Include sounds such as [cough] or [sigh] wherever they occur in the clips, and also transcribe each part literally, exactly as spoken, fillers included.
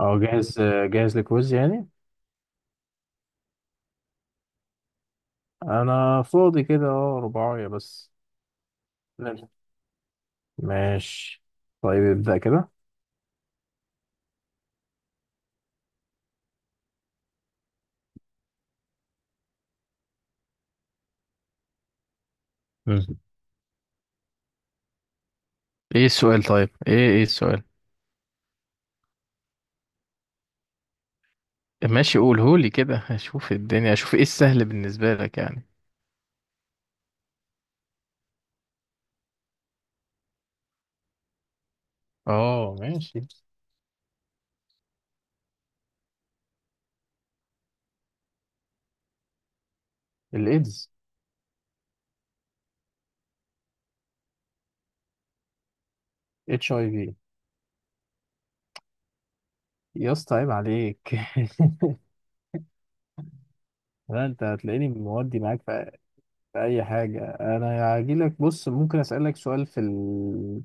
اه جاهز. جاهز لكويز يعني. انا فاضي كده، اه، رباعية بس نلحق. ماشي، طيب ابدأ كده. مم. ايه السؤال؟ طيب ايه ايه السؤال؟ ماشي، قولهولي كده اشوف الدنيا، اشوف ايه السهل بالنسبة لك يعني. اه ماشي. الايدز. اتش اي في. يا اسطى عيب عليك. [laughs] لا، انت هتلاقيني مودي معاك في في اي حاجة. انا هجيلك، بص، ممكن اسألك سؤال في ال...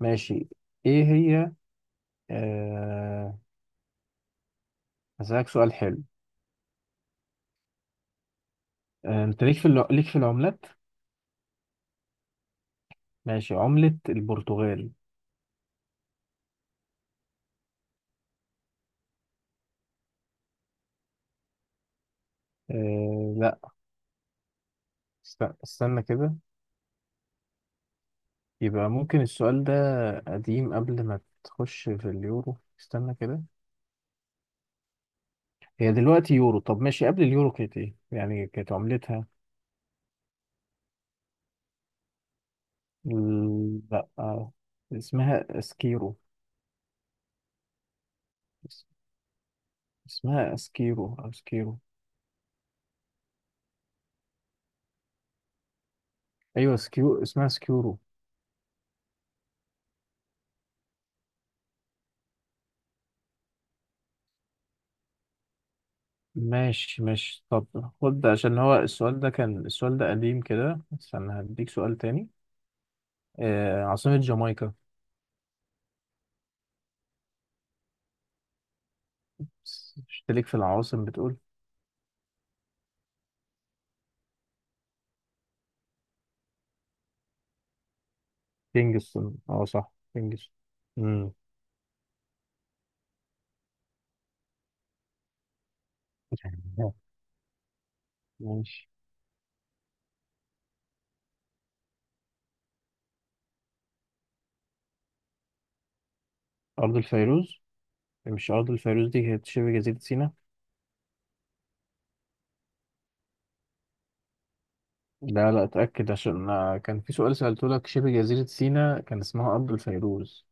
ماشي. ايه هي؟ آه، هسألك سؤال حلو. آه، انت ليك في الع- ليك في العملات؟ ماشي، عملة البرتغال. أه لا، است- استنى كده. يبقى ممكن السؤال ده قديم، قبل ما تخش في اليورو. استنى كده، هي دلوقتي يورو، طب ماشي، قبل اليورو كانت ايه يعني؟ كانت عملتها ال- لا، آه، اسمها اسكيرو. اس- اسمها اسكيرو او سكيرو. ايوه سكيو، اسمها سكيورو. ماشي ماشي. طب خد ده، عشان هو السؤال ده كان، السؤال ده قديم كده، استنى هديك سؤال تاني. آه، عاصمة جامايكا. اشتريك في العواصم بتقول. كينجستون، اه صح كينجستون. امم. ماشي. أرض الفيروز؟ إيه، مش أرض الفيروز دي كانت شبه جزيرة سيناء؟ لا لا، اتأكد، عشان آه، كان في سؤال سألته لك، شبه جزيرة سيناء كان اسمها أرض الفيروز.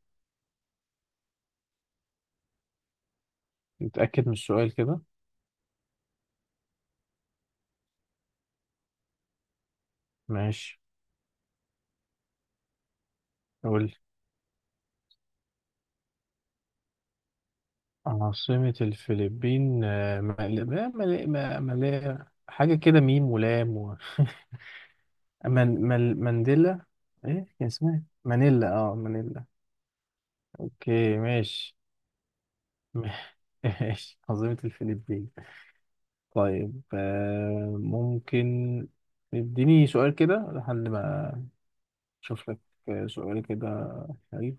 اتأكد من السؤال كده. ماشي. قول لي. عاصمة الفلبين، آه، مال... ما- مال... ما- مال... حاجة كده، ميم ولام و... من... مال... مانديلا. ايه كان اسمها إيه؟ مانيلا، اه مانيلا. اوكي ماشي. [laughs] ماشي، عاصمة الفلبين. طيب آه، ممكن اديني سؤال كده لحد ما اشوف لك آه، سؤال كده حلو.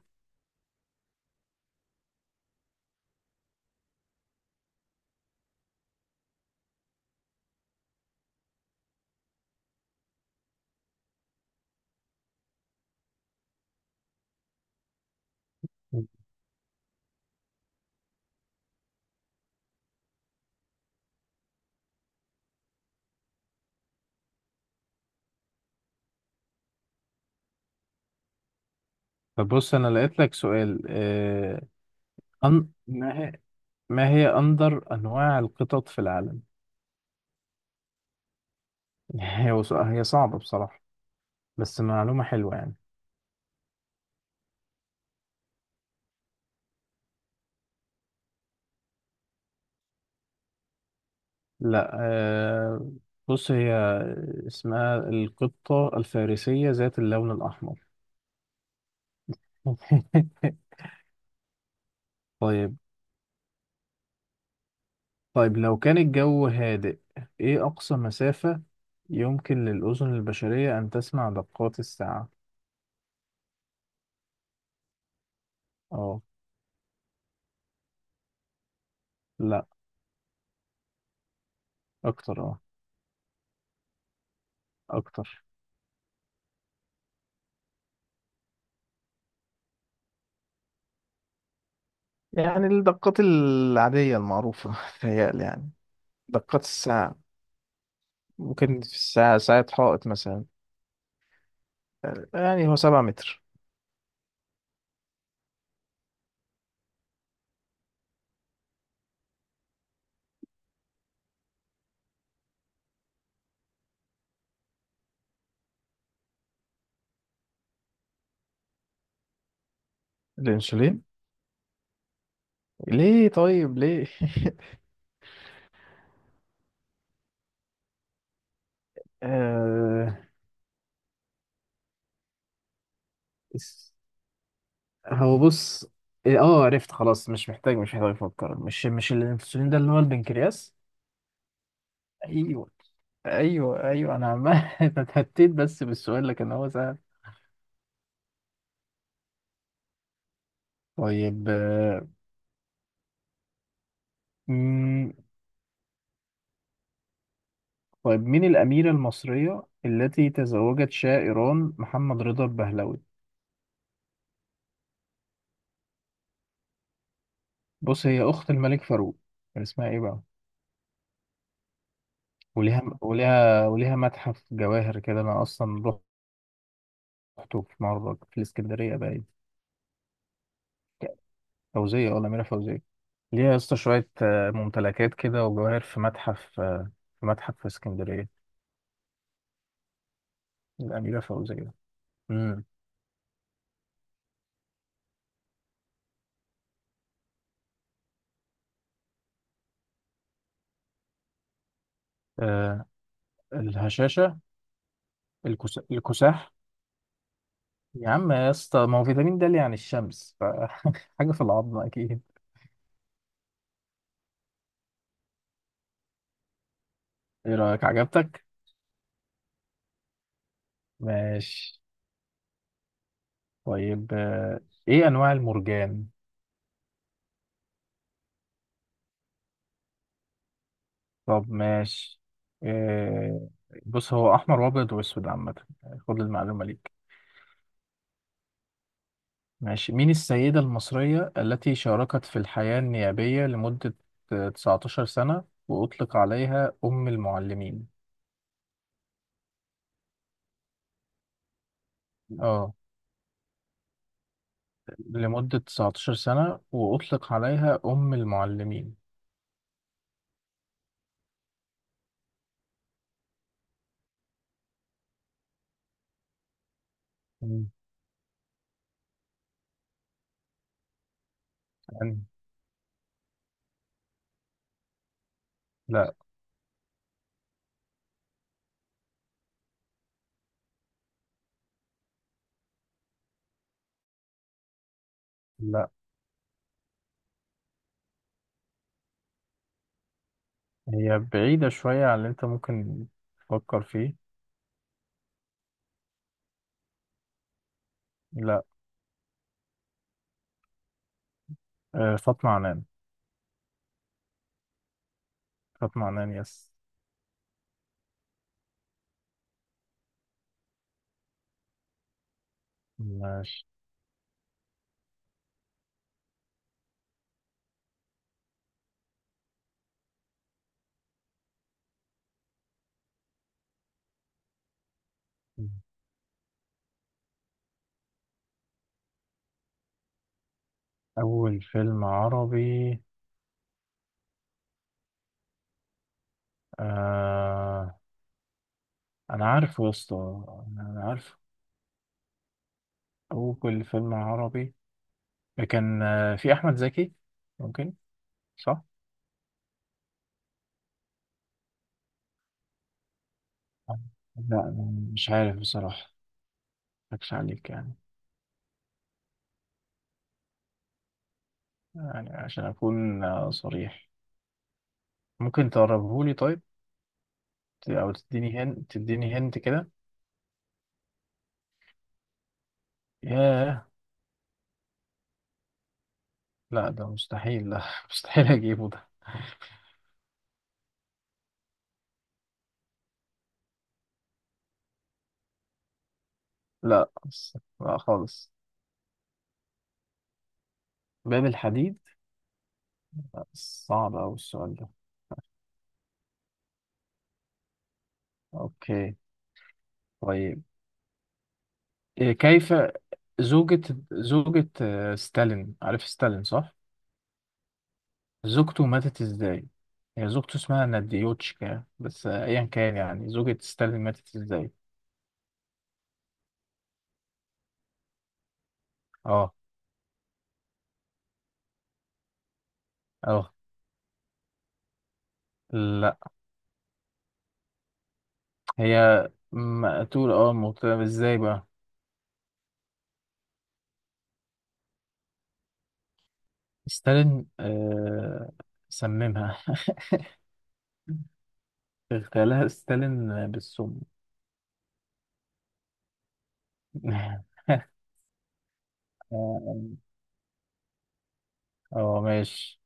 طب بص، انا لقيت لك سؤال. آه، أن... ما هي، ما هي اندر انواع القطط في العالم؟ [laughs] هي ص- هي صعبة بصراحة، بس معلومة حلوة يعني. لا، آه، بص هي اسمها القطة الفارسية ذات اللون الأحمر. [laughs] طيب. طيب، لو كان الجو هادئ، إيه أقصى مسافة يمكن للأذن البشرية أن تسمع دقات الساعة؟ أه. لأ، أكتر. أه، أكتر. يعني الدقات العادية المعروفة، تهيألي يعني. دقات الساعة ممكن في الساعة، ساعة حائط مثلا. آه، يعني هو سبعة متر. الأنسولين؟ ليه طيب ليه؟ [laughs] آه... اس- هو بص، إيه، أه عرفت خلاص، مش محتاج، مش محتاج أفكر، مش مش الأنسولين ده اللي هو البنكرياس؟ ايوه ايوه، ايوه انا عمال [laughs] اتهتيت بس بالسؤال، لكن هو سهل. طيب آه، مم، طيب مين الأميرة المصرية التي تزوجت شاه إيران محمد رضا البهلوي؟ بص، هي أخت الملك فاروق. كان اسمها إيه بقى؟ وليها وليها وليها متحف جواهر كده، أنا أصلا رحته في مرة في الإسكندرية باين. فوزية، ولا أميرة فوزية؟ ليها يا اسطى شوية آه، ممتلكات كده وجواهر في متحف، آه، في متحف في اسكندرية. الأميرة فوزية. امم. الهشاشة. الكس... الكساح. يا عم يا اسطى، ما هو فيتامين د اللي يعني الشمس ف... حاجة [laughs] في العظم أكيد. إيه رأيك، عجبتك؟ ماشي. طيب آه، إيه أنواع المرجان؟ طب ماشي. آه، بص هو أحمر وأبيض وأسود عامة. خد المعلومة ليك. ماشي، مين السيدة المصرية التي شاركت في الحياة النيابية لمدة تسعة عشر سنة وأطلق عليها أم المعلمين؟ اه، لمدة تسعة عشر سنة وأطلق عليها أم المعلمين. مم. يعني. لا لا، هي بعيدة شوية عن اللي أنت ممكن تفكر فيه. لا، آه، فاطمة عنان. فاطمة عنان، يس. ماشي. مم. أول فيلم عربي؟ آه، أنا عارفه يا اسطى، أنا أنا عارفه. أول فيلم عربي كان آه، في أحمد زكي، ممكن، صح؟ لا أنا مش عارف بصراحة، مضحكش عليك يعني، يعني عشان أكون آه، صريح. ممكن تقربهولي؟ طيب، أو تديني هنت، تديني هنت كده. ياه، لا ده مستحيل، لا [laughs] مستحيل أجيبه ده. لا بس- لا خالص. باب الحديد. صعب أوي السؤال ده. أوكي. طيب إيه، كيف زوجة زوجة آه، ستالين، عارف ستالين صح؟ زوجته ماتت إزاي؟ هي زوجته اسمها ناديوتشكا، بس آه، أيا كان، يعني زوجة ستالين ماتت إزاي؟ أه أه. لا، هي مقتول، اه مقتولة ازاي بقى؟ ستالين، آه سممها. [laughs] اغتالها ستالين بالسم. [laughs] اه. آه، ماشي.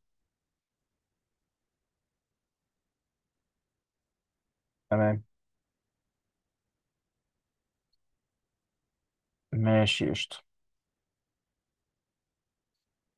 تمام. ماشي قشطة.